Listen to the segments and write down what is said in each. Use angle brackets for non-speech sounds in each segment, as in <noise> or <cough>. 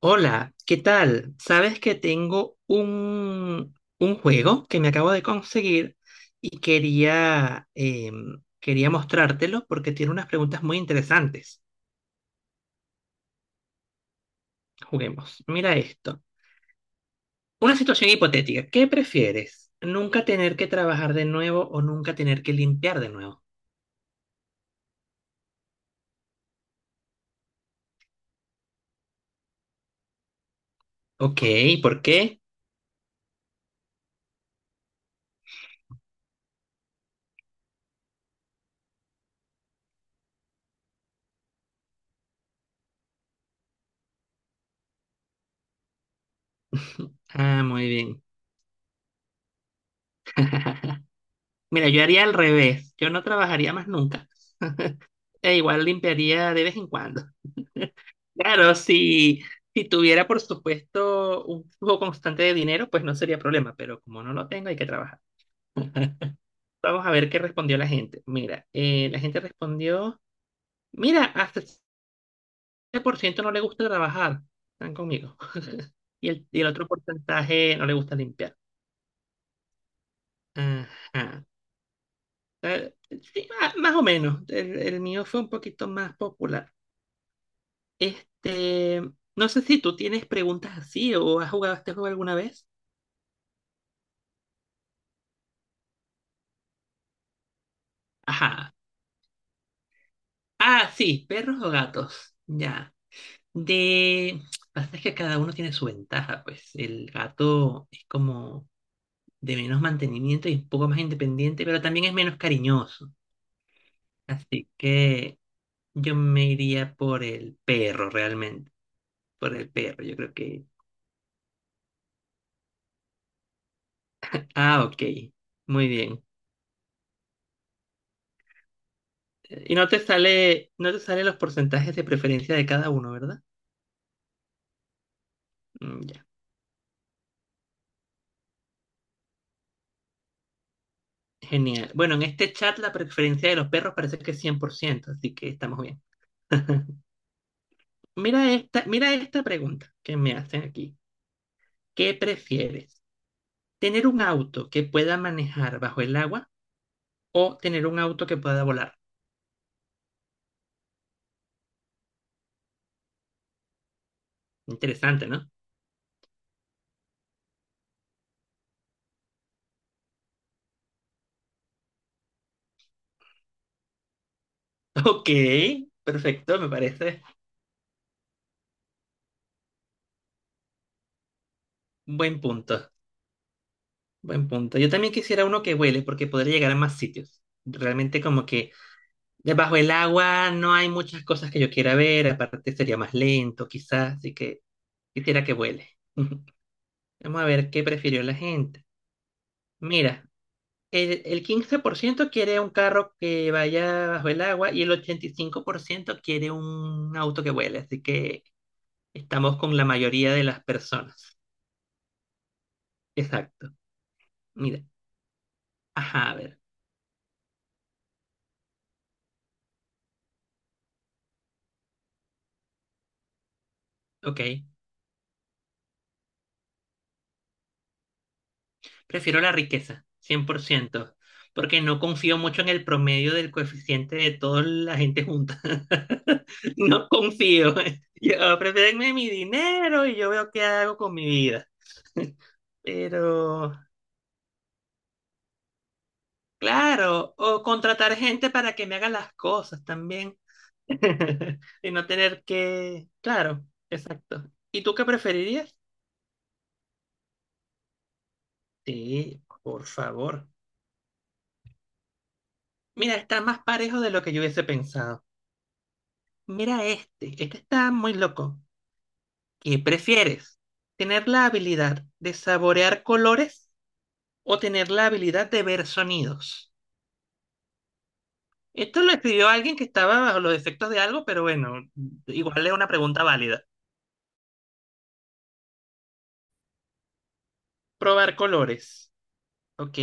Hola, ¿qué tal? Sabes que tengo un juego que me acabo de conseguir y quería, quería mostrártelo porque tiene unas preguntas muy interesantes. Juguemos. Mira esto. Una situación hipotética. ¿Qué prefieres? ¿Nunca tener que trabajar de nuevo o nunca tener que limpiar de nuevo? Ok, ¿por qué? <laughs> Ah, muy bien. <laughs> Mira, yo haría al revés. Yo no trabajaría más nunca. E igual limpiaría de vez en cuando. Claro, si tuviera, por supuesto, un flujo constante de dinero, pues no sería problema, pero como no lo tengo, hay que trabajar. Vamos a ver qué respondió la gente. Mira, la gente respondió, mira, hasta el 7% no le gusta trabajar, están conmigo. Y el otro porcentaje no le gusta limpiar. Ajá. Eh, sí, más, o menos. El mío fue un poquito más popular. Este, no sé si tú tienes preguntas así o has jugado este juego alguna vez. Ajá. Ah, sí, perros o gatos. Ya. De. Pasa es que cada uno tiene su ventaja, pues. El gato es como de menos mantenimiento y un poco más independiente, pero también es menos cariñoso. Así que yo me iría por el perro, realmente. Por el perro, yo creo que. Ah, ok. Muy bien. Y no te sale, no te salen los porcentajes de preferencia de cada uno, ¿verdad? Mm, ya. Genial. Bueno, en este chat la preferencia de los perros parece que es 100%, así que estamos bien. <laughs> Mira esta pregunta que me hacen aquí. ¿Qué prefieres? ¿Tener un auto que pueda manejar bajo el agua o tener un auto que pueda volar? Interesante, ¿no? <laughs> Ok, perfecto, me parece. Buen punto, buen punto. Yo también quisiera uno que vuele porque podría llegar a más sitios. Realmente como que debajo el agua no hay muchas cosas que yo quiera ver, aparte sería más lento quizás, así que quisiera que vuele. <laughs> Vamos a ver qué prefirió la gente. Mira. El 15% quiere un carro que vaya bajo el agua y el 85% quiere un auto que vuele. Así que estamos con la mayoría de las personas. Exacto. Mira. Ajá, a ver. Ok. Prefiero la riqueza, 100% porque no confío mucho en el promedio del coeficiente de toda la gente junta. <laughs> No confío. Yo prefiero mi dinero y yo veo qué hago con mi vida. <laughs> Pero Claro, o contratar gente para que me haga las cosas también. <laughs> Y no tener que... Claro, exacto. ¿Y tú qué preferirías? Sí, por favor. Mira, está más parejo de lo que yo hubiese pensado. Mira este, este está muy loco. ¿Qué prefieres? ¿Tener la habilidad de saborear colores o tener la habilidad de ver sonidos? Esto lo escribió alguien que estaba bajo los efectos de algo, pero bueno, igual es una pregunta válida. Probar colores. Ok,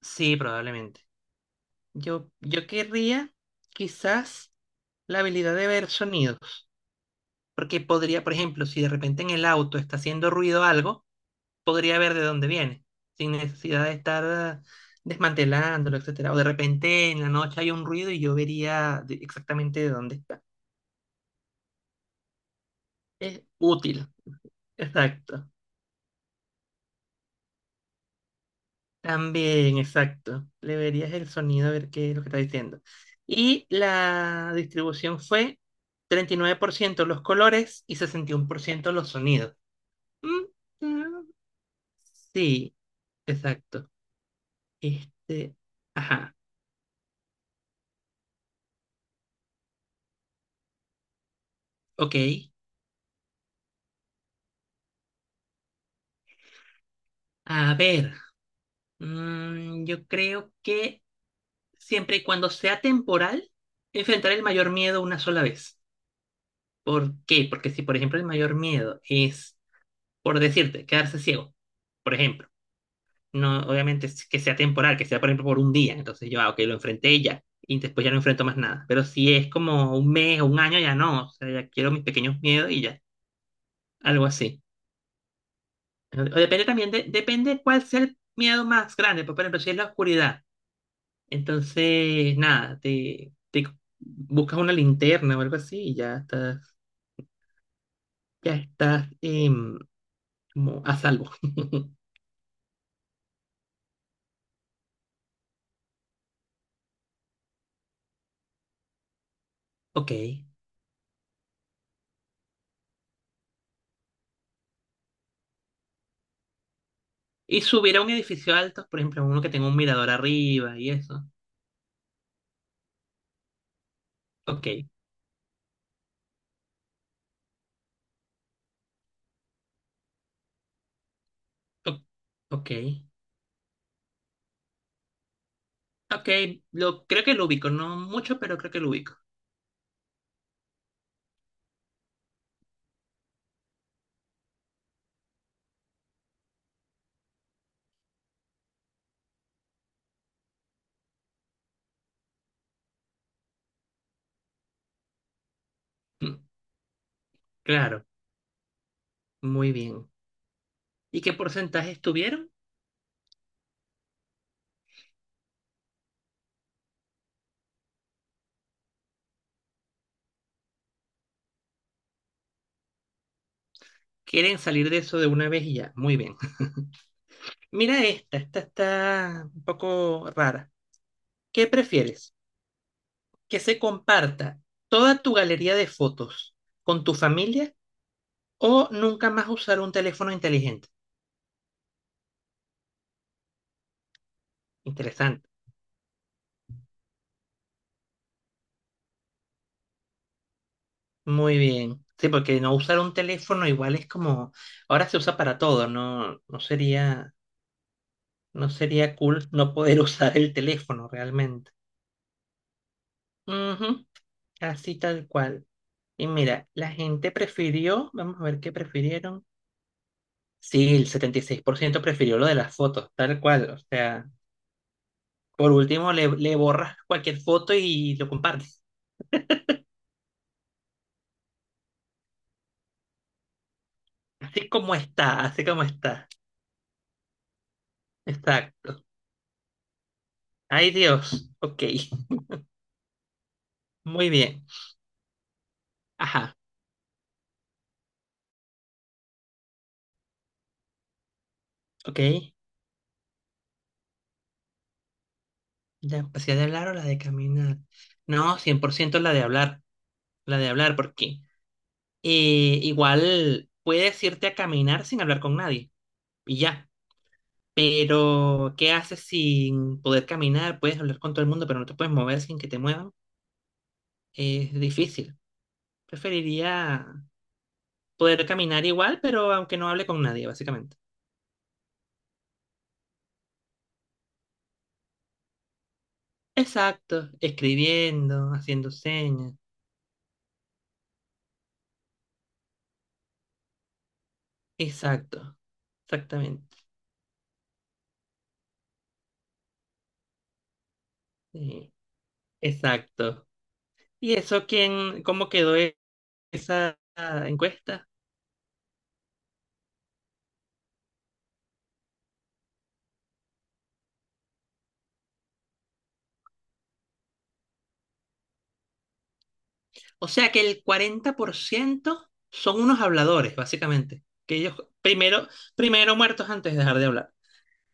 sí, probablemente. Yo querría quizás la habilidad de ver sonidos, porque podría, por ejemplo, si de repente en el auto está haciendo ruido algo, podría ver de dónde viene, sin necesidad de estar desmantelándolo, etcétera. O de repente en la noche hay un ruido y yo vería exactamente de dónde está. Es útil, exacto. También, exacto. Le verías el sonido a ver qué es lo que está diciendo. Y la distribución fue 39% los colores y 61% los sonidos. Mm, mm, sí, exacto. Este, ajá, ok. A ver, yo creo que siempre y cuando sea temporal, enfrentar el mayor miedo una sola vez. ¿Por qué? Porque si, por ejemplo, el mayor miedo es, por decirte, quedarse ciego, por ejemplo no, obviamente es que sea temporal, que sea por ejemplo por un día. Entonces yo, ok, lo enfrenté y ya. Y después ya no enfrento más nada. Pero si es como un mes o un año, ya no. O sea, ya quiero mis pequeños miedos y ya. Algo así. O depende también, de, depende cuál sea el miedo más grande. Pues, por ejemplo, si es la oscuridad. Entonces, nada, te buscas una linterna o algo así y ya estás como a salvo. <laughs> Ok. Y subir a un edificio alto, por ejemplo, uno que tenga un mirador arriba y eso. Ok. O- ok. Ok, lo, creo que lo ubico, no mucho, pero creo que lo ubico. Mm, Claro, muy bien. ¿Y qué porcentaje tuvieron? Quieren salir de eso de una vez y ya. Muy bien. <laughs> Mira esta, esta está un poco rara. ¿Qué prefieres? ¿Que se comparta toda tu galería de fotos con tu familia o nunca más usar un teléfono inteligente? Interesante. Muy bien. Sí, porque no usar un teléfono igual es como, ahora se usa para todo, no, no sería No sería cool no poder usar el teléfono realmente. Ujú, así tal cual. Y mira, la gente prefirió, vamos a ver qué prefirieron. Sí, el 76% prefirió lo de las fotos, tal cual. O sea, por último le borras cualquier foto y lo compartes. Así como está, así como está. Exacto. Ay Dios, ok, muy bien. Ajá, ok. ¿La capacidad de hablar o la de caminar? No, 100% la de hablar, porque igual puedes irte a caminar sin hablar con nadie y ya. Pero, ¿qué haces sin poder caminar? Puedes hablar con todo el mundo, pero no te puedes mover sin que te muevan. Es difícil. Preferiría poder caminar igual, pero aunque no hable con nadie, básicamente. Exacto. Escribiendo, haciendo señas. Exacto. Exactamente. Sí, Exacto. ¿Y eso quién, cómo quedó esa encuesta? O sea que el 40% son unos habladores, básicamente. Que ellos primero, primero muertos antes de dejar de hablar.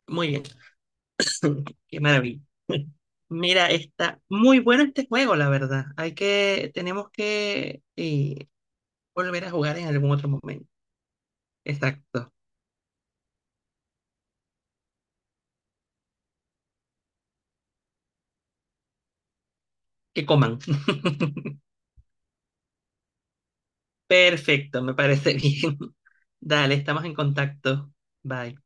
Muy bien. <laughs> Qué maravilla. <laughs> Mira, está muy bueno este juego, la verdad. Hay que, tenemos que volver a jugar en algún otro momento. Exacto. Que coman. <laughs> Perfecto, me parece bien. <laughs> Dale, estamos en contacto. Bye.